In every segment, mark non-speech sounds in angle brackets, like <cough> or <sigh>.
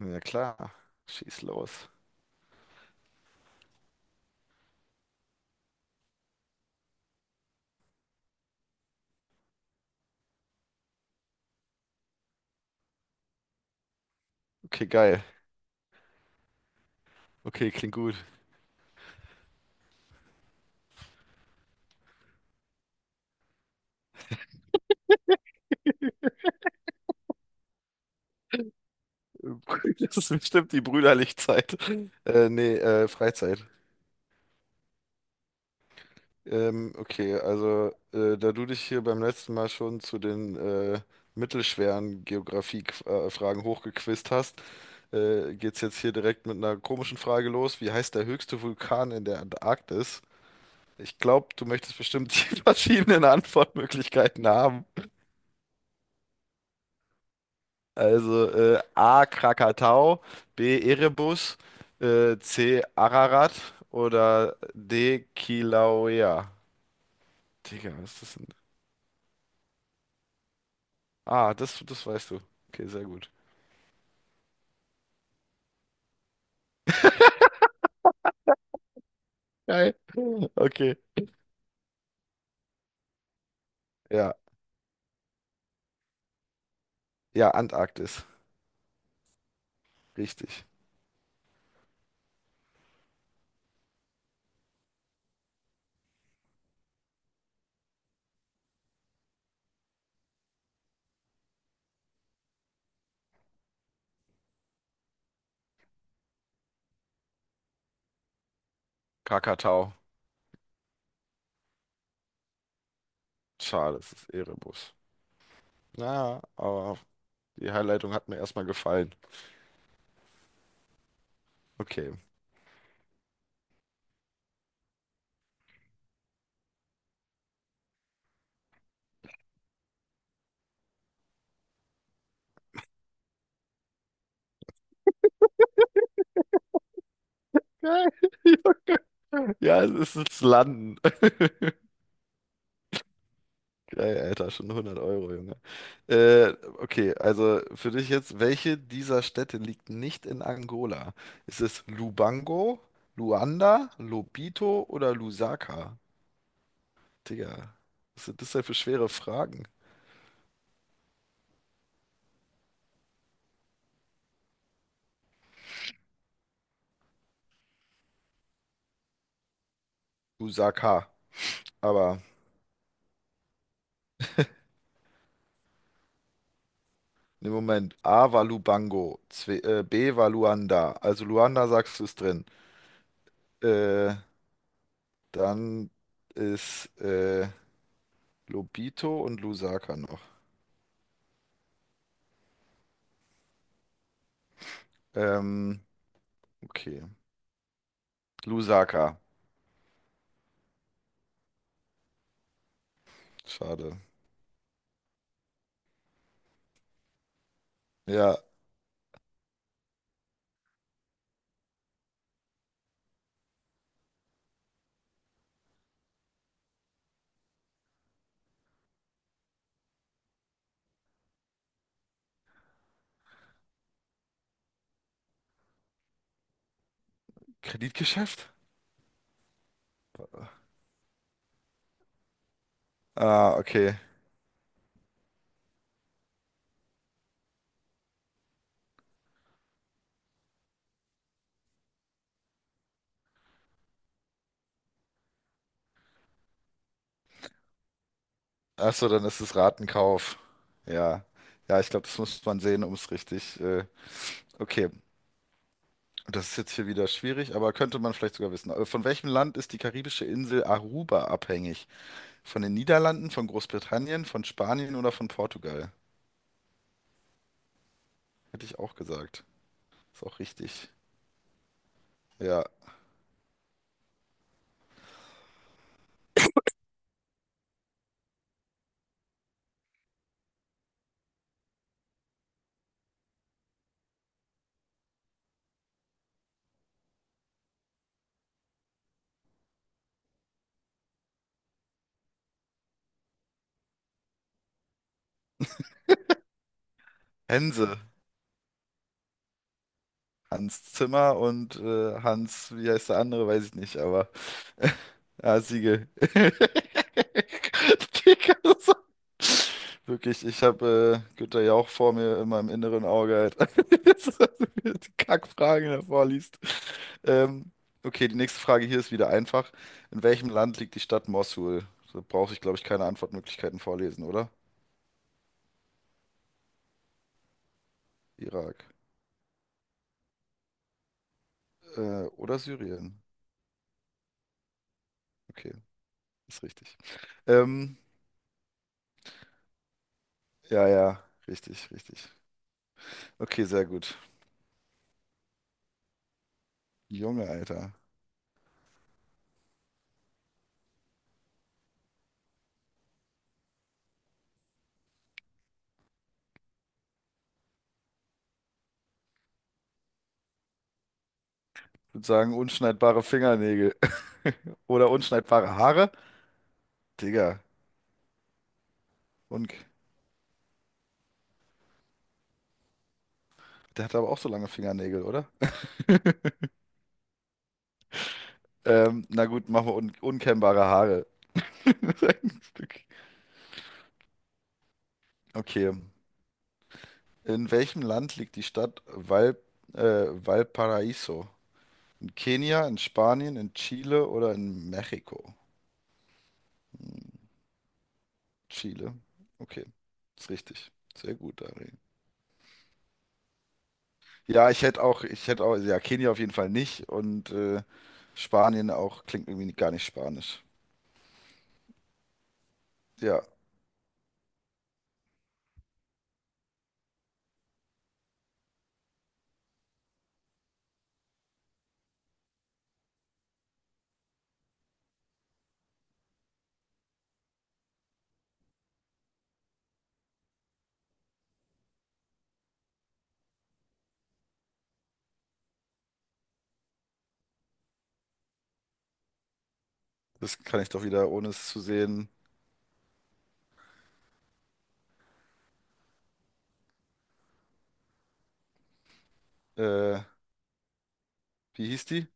Ja klar, schieß los. Okay, geil. Okay, klingt gut. <laughs> Das ist bestimmt die Brüderlichzeit. Nee, Freizeit. Okay, also da du dich hier beim letzten Mal schon zu den mittelschweren Geografie-Fragen hochgequizt hast, geht's jetzt hier direkt mit einer komischen Frage los. Wie heißt der höchste Vulkan in der Antarktis? Ich glaube, du möchtest bestimmt die <laughs> verschiedenen Antwortmöglichkeiten haben. Also A. Krakatau, B. Erebus, C. Ararat oder D. Kilauea. Digga, was ist das denn? Ah, das weißt du. Okay, sehr gut. Geil. Okay. Ja, ja, Antarktis. Richtig. Krakatau. Schade, es ist Erebus. Naja, aber die Herleitung hat mir erstmal gefallen. Okay. Geil. <laughs> Ja, es ist das Landen. Geil, Alter, schon 100 Euro, Junge. Äh, okay, also für dich jetzt, welche dieser Städte liegt nicht in Angola? Ist es Lubango, Luanda, Lobito oder Lusaka? Digga, was sind das denn für schwere Fragen? Lusaka, aber im Moment, A war Lubango, B war Luanda, also Luanda sagst du ist drin. Äh, dann ist Lobito und Lusaka noch. Ähm, okay, Lusaka. Schade. Ja, Kreditgeschäft? Ah, okay. Achso, dann ist es Ratenkauf. Ja. Ja, ich glaube, das muss man sehen, um es richtig. Okay. Das ist jetzt hier wieder schwierig, aber könnte man vielleicht sogar wissen. Von welchem Land ist die karibische Insel Aruba abhängig? Von den Niederlanden, von Großbritannien, von Spanien oder von Portugal? Hätte ich auch gesagt. Ist auch richtig. Ja. Hänse. Hans Zimmer und Hans, wie heißt der andere, weiß ich nicht, aber <laughs> ja, Siegel. <laughs> Digga, so- wirklich, ich habe Günther Jauch vor mir in meinem inneren Auge halt. <laughs> Die Kackfragen davor liest. Ähm, okay, die nächste Frage hier ist wieder einfach. In welchem Land liegt die Stadt Mossul? Da brauche ich, glaube ich, keine Antwortmöglichkeiten vorlesen, oder? Irak. Oder Syrien. Okay, ist richtig. Ähm, Ja, ja, richtig, richtig. Okay, sehr gut. Junge, Alter. Ich würde sagen, unschneidbare Fingernägel. <laughs> Oder unschneidbare Haare. Digga. Und der hat aber auch so lange Fingernägel, oder? Na gut, machen wir un unkennbare Haare. <laughs> Okay. In welchem Land liegt die Stadt äh, Valparaiso? In Kenia, in Spanien, in Chile oder in Mexiko? Hm, Chile. Okay, ist richtig. Sehr gut, Ari. Ja, ich hätte auch, ja, Kenia auf jeden Fall nicht und Spanien auch klingt irgendwie gar nicht spanisch. Ja, das kann ich doch wieder, ohne es zu sehen. Äh, wie hieß die?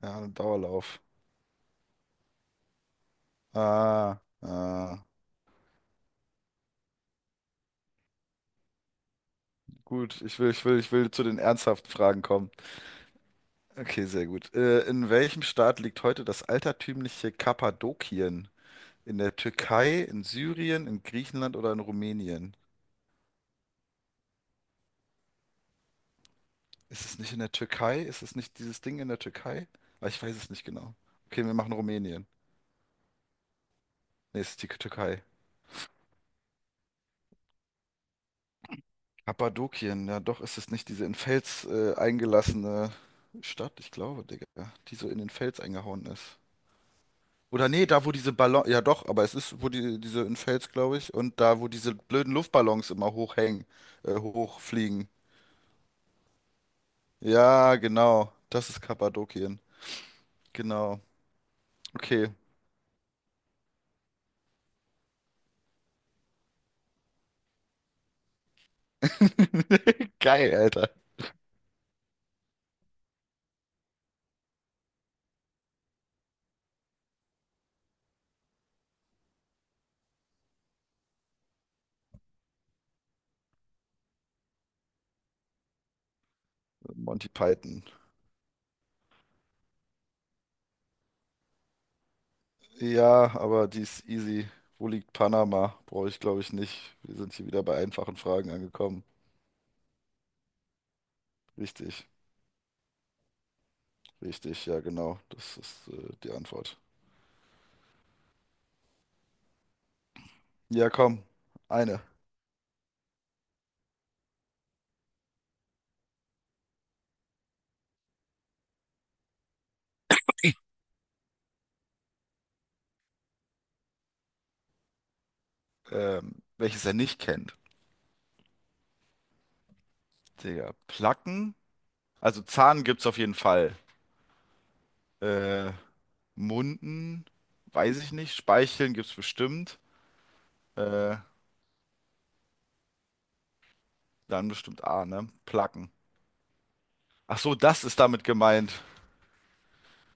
Keine Ahnung, Dauerlauf. Ah, ah, gut, ich will zu den ernsthaften Fragen kommen. Okay, sehr gut. In welchem Staat liegt heute das altertümliche Kappadokien? In der Türkei, in Syrien, in Griechenland oder in Rumänien? Ist es nicht in der Türkei? Ist es nicht dieses Ding in der Türkei? Ah, ich weiß es nicht genau. Okay, wir machen Rumänien. Nee, es ist die Türkei. Kappadokien, ja doch, ist es nicht diese in Fels eingelassene Stadt? Ich glaube, Digga, die so in den Fels eingehauen ist. Oder nee, da wo diese Ballon, ja doch, aber es ist, wo die, diese in Fels, glaube ich, und da wo diese blöden Luftballons immer hochhängen, hochfliegen. Ja, genau, das ist Kappadokien. Genau. Okay. <laughs> Geil, Alter. Monty Python. Ja, aber die ist easy. Wo liegt Panama? Brauche ich, glaube ich, nicht. Wir sind hier wieder bei einfachen Fragen angekommen. Richtig, richtig, ja, genau. Das ist die Antwort. Ja, komm, eine. Welches er nicht kennt. Digga, Placken? Also Zahn gibt's auf jeden Fall. Äh, Munden? Weiß ich nicht. Speicheln gibt's bestimmt. Äh, dann bestimmt A, ne? Placken. Ach so, das ist damit gemeint.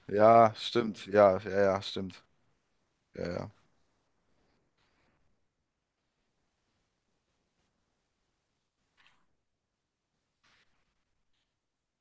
Ja, stimmt. Ja, ja, ja, stimmt. Ja, ja.